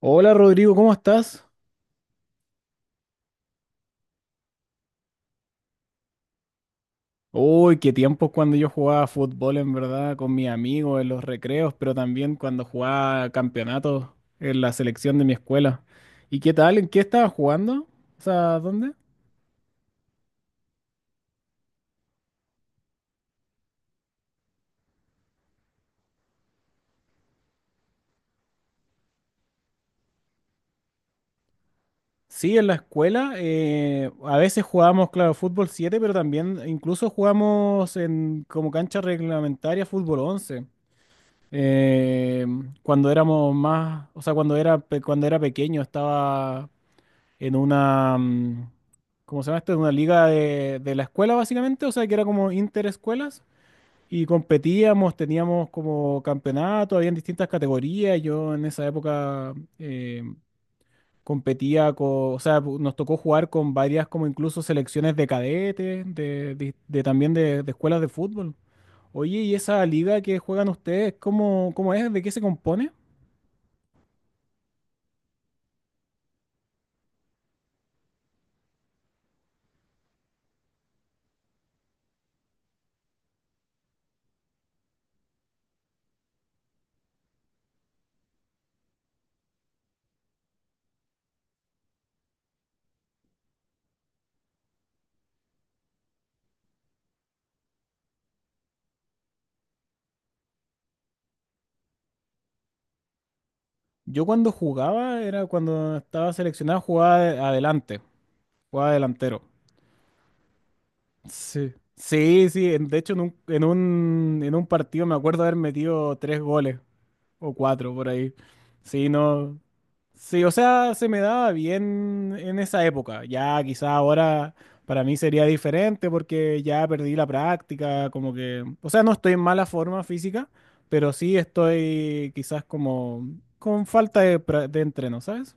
Hola Rodrigo, ¿cómo estás? Uy, qué tiempos cuando yo jugaba fútbol en verdad con mis amigos en los recreos, pero también cuando jugaba campeonatos en la selección de mi escuela. ¿Y qué tal? ¿En qué estabas jugando? O sea, ¿dónde? Sí, en la escuela. A veces jugábamos, claro, fútbol 7, pero también incluso jugamos en como cancha reglamentaria fútbol 11. Eh, Cuando éramos más, o sea, cuando era, cuando era pequeño estaba en una, ¿cómo se llama esto? En una liga de la escuela, básicamente, o sea, que era como interescuelas. Y competíamos, teníamos como campeonato, habían distintas categorías. Yo en esa época competía con, o sea, nos tocó jugar con varias como incluso selecciones de cadetes, de también de escuelas de fútbol. Oye, ¿y esa liga que juegan ustedes, cómo es? ¿De qué se compone? Yo cuando jugaba, era cuando estaba seleccionado, adelante, jugaba delantero. Sí, sí, sí. De hecho, en un partido me acuerdo haber metido tres goles o cuatro por ahí. Sí, no. Sí, o sea, se me daba bien en esa época. Ya quizá ahora para mí sería diferente porque ya perdí la práctica, como que, o sea, no estoy en mala forma física, pero sí estoy quizás como con falta de, de entreno, ¿sabes?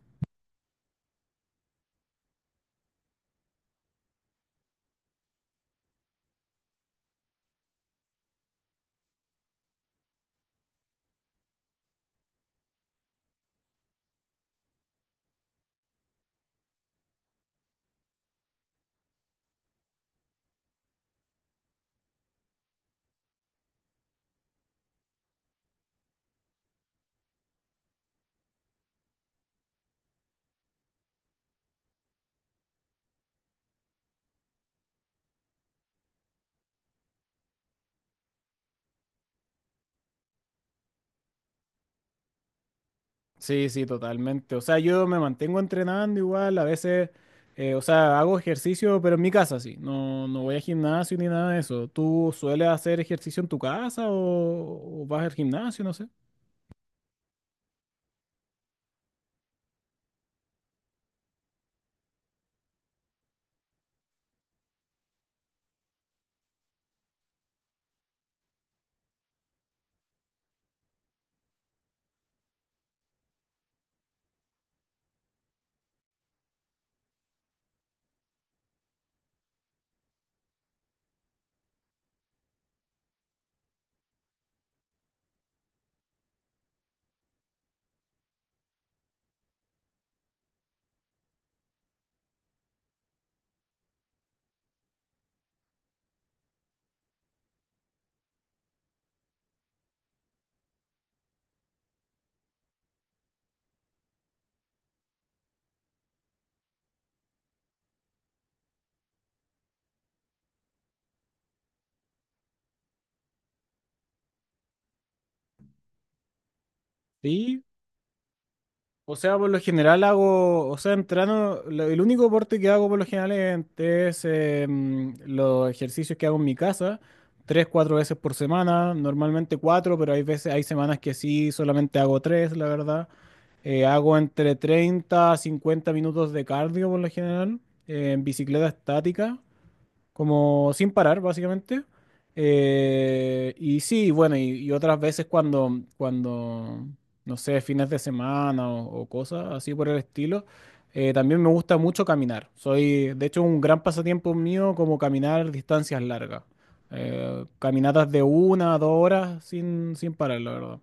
Sí, sí, totalmente. O sea, yo me mantengo entrenando igual, a veces, o sea, hago ejercicio, pero en mi casa sí. No, no voy a gimnasio ni nada de eso. ¿Tú sueles hacer ejercicio en tu casa o vas al gimnasio? No sé. Sí. O sea, por lo general hago, o sea, entreno, el único deporte que hago por lo general es, los ejercicios que hago en mi casa, tres, cuatro veces por semana, normalmente cuatro, pero hay veces, hay semanas que sí, solamente hago tres, la verdad. Hago entre 30 a 50 minutos de cardio por lo general, en bicicleta estática, como sin parar básicamente. Y sí, bueno, y otras veces cuando, no sé, fines de semana o cosas así por el estilo, también me gusta mucho caminar. Soy, de hecho, un gran pasatiempo mío como caminar distancias largas. Caminatas de una a dos horas sin, sin parar, la verdad.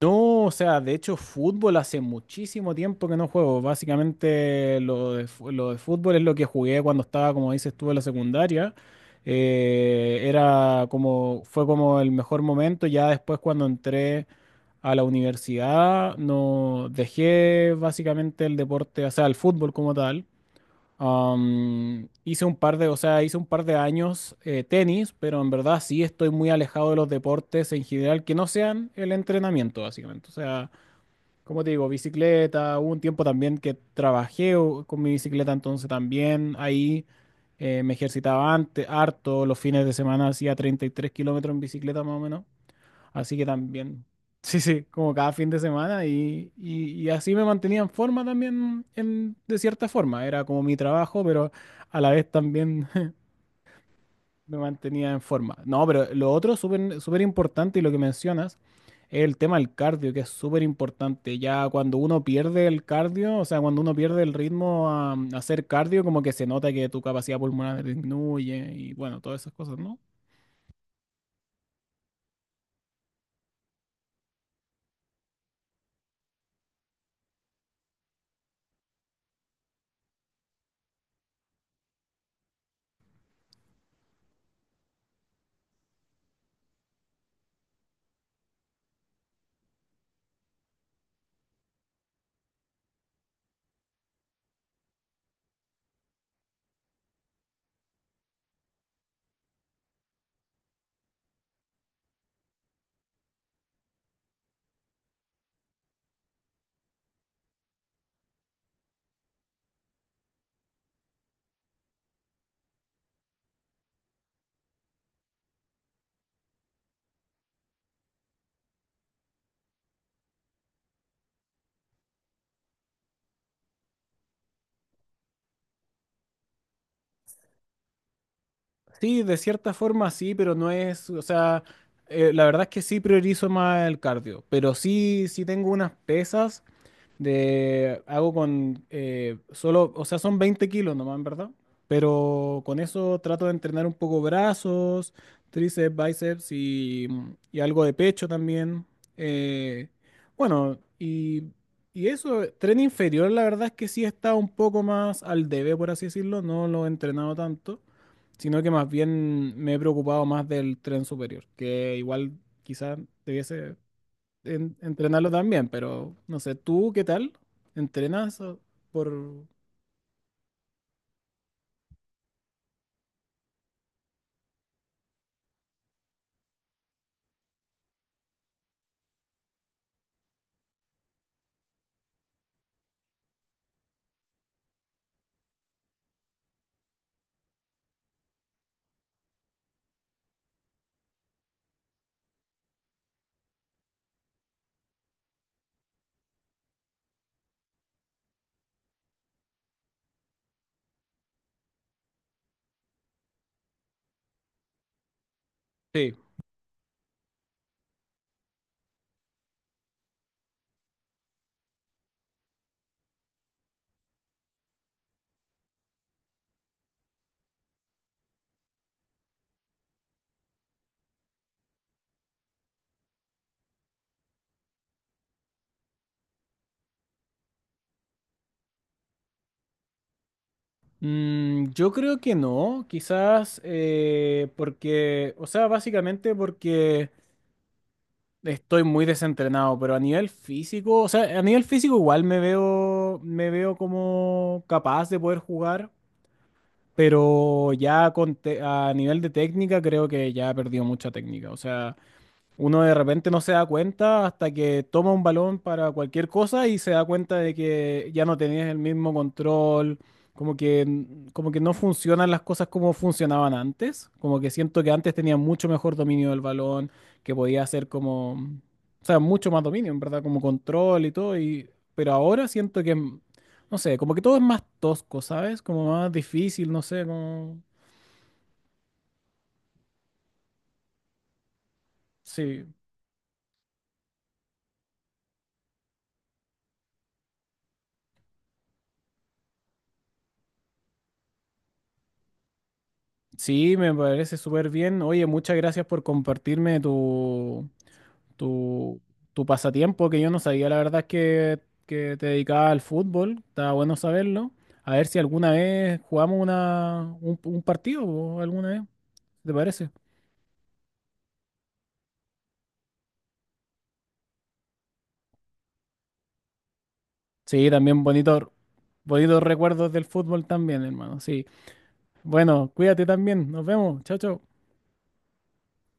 No, o sea, de hecho, fútbol hace muchísimo tiempo que no juego. Básicamente, lo de fútbol es lo que jugué cuando estaba, como dices tú, en la secundaria. Era como, fue como el mejor momento. Ya después, cuando entré a la universidad, no dejé básicamente el deporte, o sea, el fútbol como tal. Hice un par de, o sea, hice un par de años tenis, pero en verdad sí estoy muy alejado de los deportes en general que no sean el entrenamiento, básicamente. O sea, como te digo, bicicleta, hubo un tiempo también que trabajé con mi bicicleta, entonces también ahí me ejercitaba antes, harto, los fines de semana hacía 33 kilómetros en bicicleta más o menos. Así que también, sí, sí, como cada fin de semana y así me mantenía en forma también, en, de cierta forma. Era como mi trabajo, pero a la vez también me mantenía en forma. No, pero lo otro súper súper importante y lo que mencionas es el tema del cardio, que es súper importante. Ya cuando uno pierde el cardio, o sea, cuando uno pierde el ritmo a hacer cardio, como que se nota que tu capacidad pulmonar disminuye y bueno, todas esas cosas, ¿no? Sí, de cierta forma sí, pero no es, o sea, la verdad es que sí priorizo más el cardio, pero sí, sí tengo unas pesas de hago con solo, o sea, son 20 kilos nomás, en verdad. Pero con eso trato de entrenar un poco brazos, tríceps, bíceps y algo de pecho también. Eh, bueno, y eso, tren inferior, la verdad es que sí está un poco más al debe, por así decirlo. No lo he entrenado tanto, sino que más bien me he preocupado más del tren superior, que igual quizás debiese entrenarlo también, pero no sé, ¿tú qué tal? ¿Entrenas o por...? Sí. Yo creo que no, quizás porque, o sea, básicamente porque estoy muy desentrenado, pero a nivel físico, o sea, a nivel físico igual me veo como capaz de poder jugar, pero ya con a nivel de técnica creo que ya he perdido mucha técnica, o sea... Uno de repente no se da cuenta hasta que toma un balón para cualquier cosa y se da cuenta de que ya no tenías el mismo control, como que, como que no funcionan las cosas como funcionaban antes, como que siento que antes tenía mucho mejor dominio del balón, que podía hacer como, o sea, mucho más dominio, en verdad, como control y todo, pero ahora siento que, no sé, como que todo es más tosco, ¿sabes? Como más difícil, no sé, como... Sí. Sí, me parece súper bien. Oye, muchas gracias por compartirme tu, tu pasatiempo, que yo no sabía, la verdad es que te dedicabas al fútbol. Está bueno saberlo. A ver si alguna vez jugamos un partido, po, alguna vez, si ¿te parece? Sí, también bonito, bonitos recuerdos del fútbol también, hermano. Sí. Bueno, cuídate también. Nos vemos. Chao, chao.